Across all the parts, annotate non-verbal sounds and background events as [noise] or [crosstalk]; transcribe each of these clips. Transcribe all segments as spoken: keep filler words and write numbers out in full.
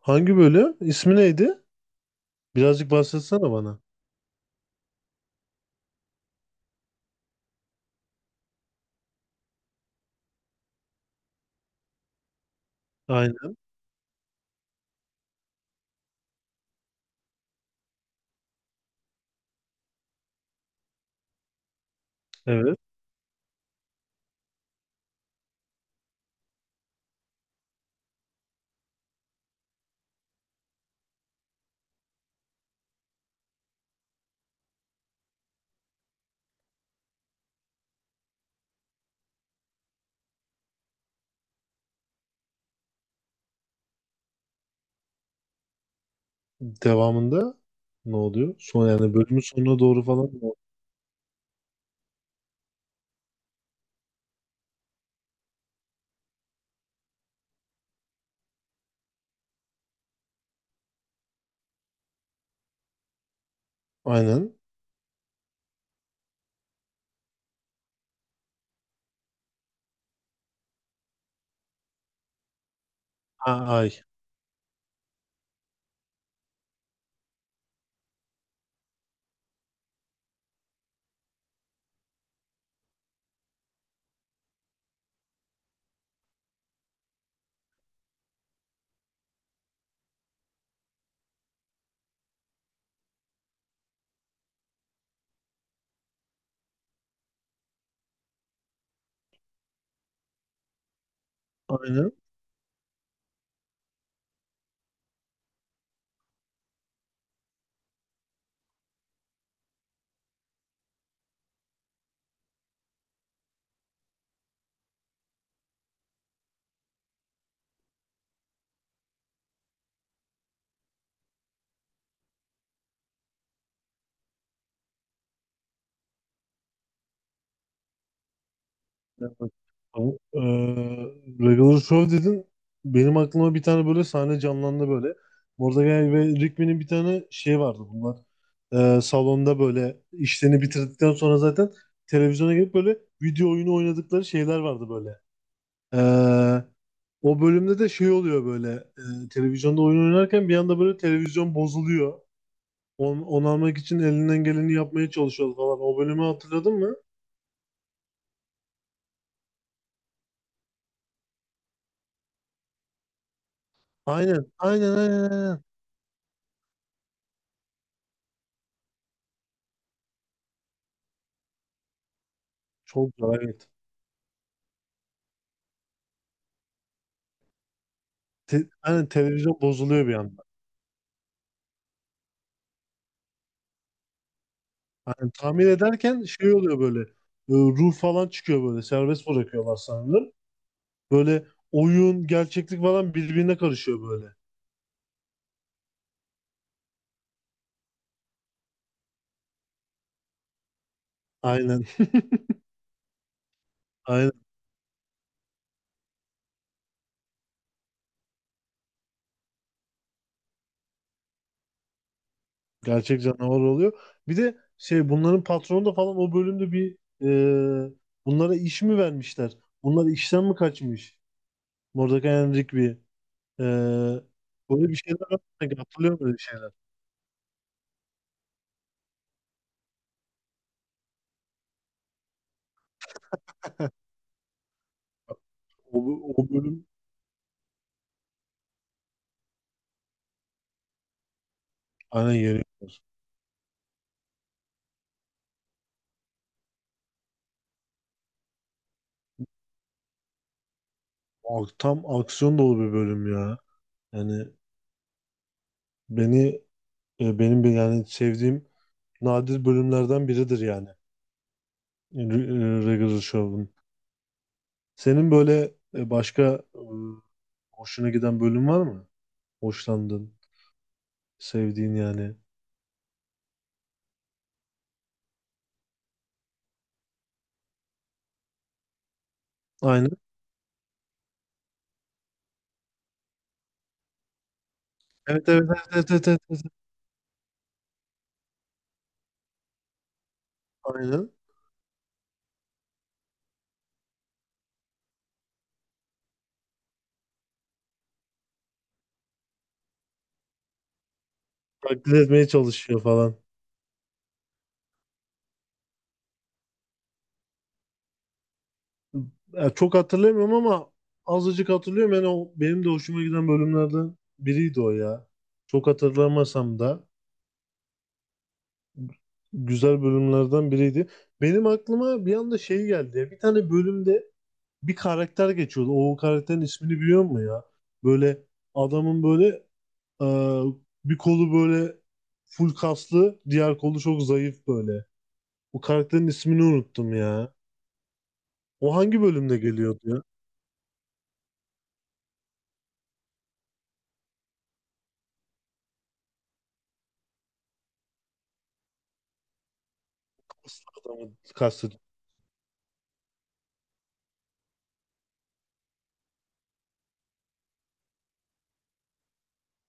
Hangi bölüm? İsmi neydi? Birazcık bahsetsene bana. Aynen. Evet. Devamında ne oluyor? Son yani bölümün sonuna doğru falan mı oluyor? Aynen. Ha, ay. Aynen. Evet. Tamam. Ee, Regular Show dedin. Benim aklıma bir tane böyle sahne canlandı böyle. Mordecai ve Rigby'nin bir tane şey vardı bunlar. Ee, salonda böyle işlerini bitirdikten sonra zaten televizyona gelip böyle video oyunu oynadıkları şeyler vardı böyle. Ee, O bölümde de şey oluyor böyle, e, televizyonda oyun oynarken bir anda böyle televizyon bozuluyor. On, onu almak için elinden geleni yapmaya çalışıyordu falan. O bölümü hatırladın mı? Aynen, aynen, aynen, aynen. Çok güzel, evet. Te- aynen, televizyon bozuluyor bir anda. Aynen, tamir ederken şey oluyor böyle. E, ruh falan çıkıyor böyle. Serbest bırakıyorlar sanırım. Böyle oyun, gerçeklik falan birbirine karışıyor böyle. Aynen, [laughs] aynen. Gerçek canavar oluyor. Bir de şey, bunların patronu da falan o bölümde bir, e, bunlara iş mi vermişler? Bunlar işten mi kaçmış? Mordecai and Rigby. E, Böyle bir şeyler var. Sanki hatırlıyorum böyle bir şeyler. O, o bölüm, aynen, yeniyorlar. O, tam aksiyon dolu bir bölüm ya. Yani beni, e, benim bir yani sevdiğim nadir bölümlerden biridir yani, e, Regular Show'un. Senin böyle, e, başka e, hoşuna giden bölüm var mı? Hoşlandın. Sevdiğin yani. Aynen. Evet, evet, evet, evet, evet, evet, evet. Aynen. Taklit etmeye çalışıyor falan. Ya çok hatırlamıyorum ama azıcık hatırlıyorum. Yani o benim de hoşuma giden bölümlerden biriydi o ya. Çok hatırlamasam da güzel bölümlerden biriydi. Benim aklıma bir anda şey geldi ya. Bir tane bölümde bir karakter geçiyordu. O karakterin ismini biliyor musun ya? Böyle adamın böyle, Ee, bir kolu böyle full kaslı, diğer kolu çok zayıf böyle. Bu karakterin ismini unuttum ya. O hangi bölümde geliyordu ya? Kaslı adamı kastediyorum.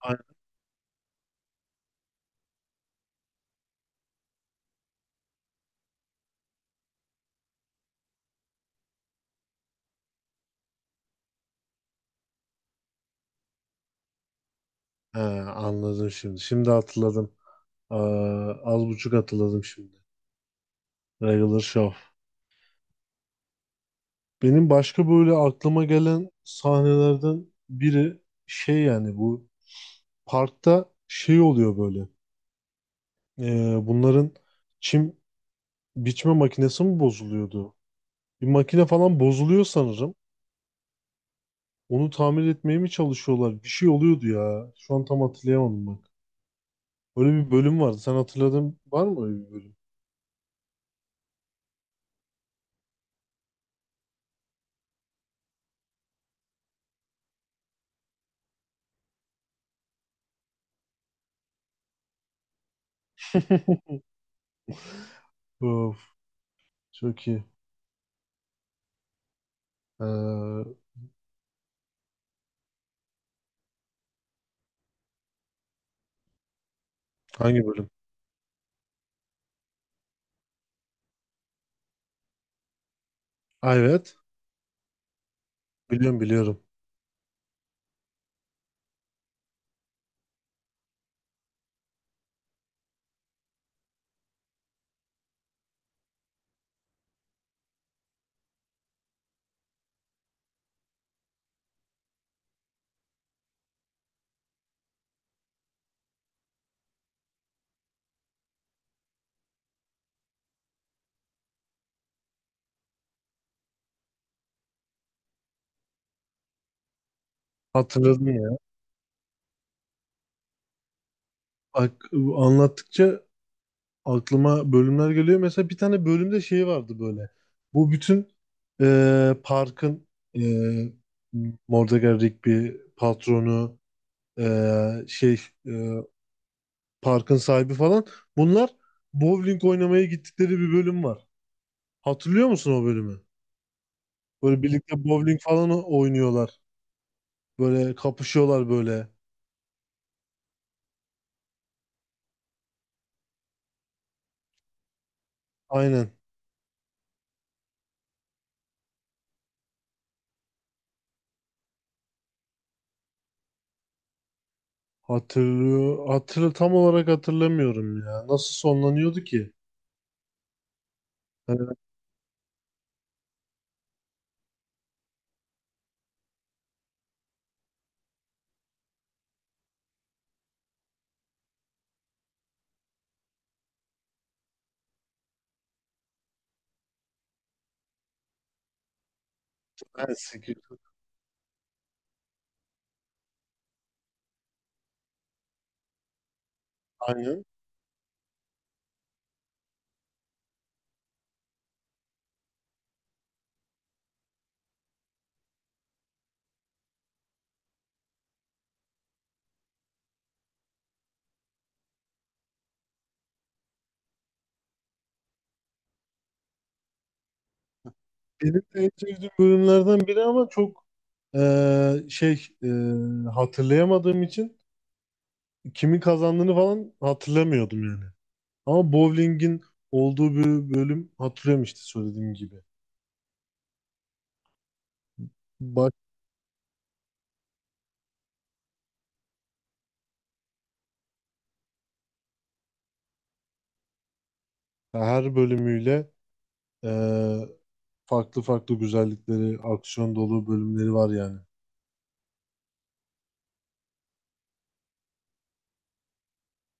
Aynen. He, anladım şimdi. Şimdi hatırladım. Ee, Az buçuk hatırladım şimdi. Regular Show. Benim başka böyle aklıma gelen sahnelerden biri şey, yani bu parkta şey oluyor böyle. Ee, bunların çim biçme makinesi mi bozuluyordu? Bir makine falan bozuluyor sanırım. Onu tamir etmeye mi çalışıyorlar? Bir şey oluyordu ya. Şu an tam hatırlayamadım bak. Öyle bir bölüm vardı. Sen hatırladın, var mı öyle bir bölüm? [laughs] Of, çok iyi. Ee, Hangi bölüm? Ha, evet. Biliyorum, biliyorum. Hatırladım ya. Bak, anlattıkça aklıma bölümler geliyor. Mesela bir tane bölümde şey vardı böyle. Bu bütün, e, parkın, e, Mordecai, Rigby, patronu, e, şey, e, parkın sahibi falan. Bunlar bowling oynamaya gittikleri bir bölüm var. Hatırlıyor musun o bölümü? Böyle birlikte bowling falan o- oynuyorlar. Böyle kapışıyorlar böyle. Aynen. Hatırlıyor. Hatır, tam olarak hatırlamıyorum ya. Nasıl sonlanıyordu ki? Ee, evet, sekiz- aynen. Benim de en sevdiğim bölümlerden biri ama çok eee, şey eee, hatırlayamadığım için kimin kazandığını falan hatırlamıyordum yani. Ama bowling'in olduğu bir bölüm hatırlıyorum işte söylediğim gibi. Bak, her bölümüyle eee, farklı farklı güzellikleri, aksiyon dolu bölümleri var yani.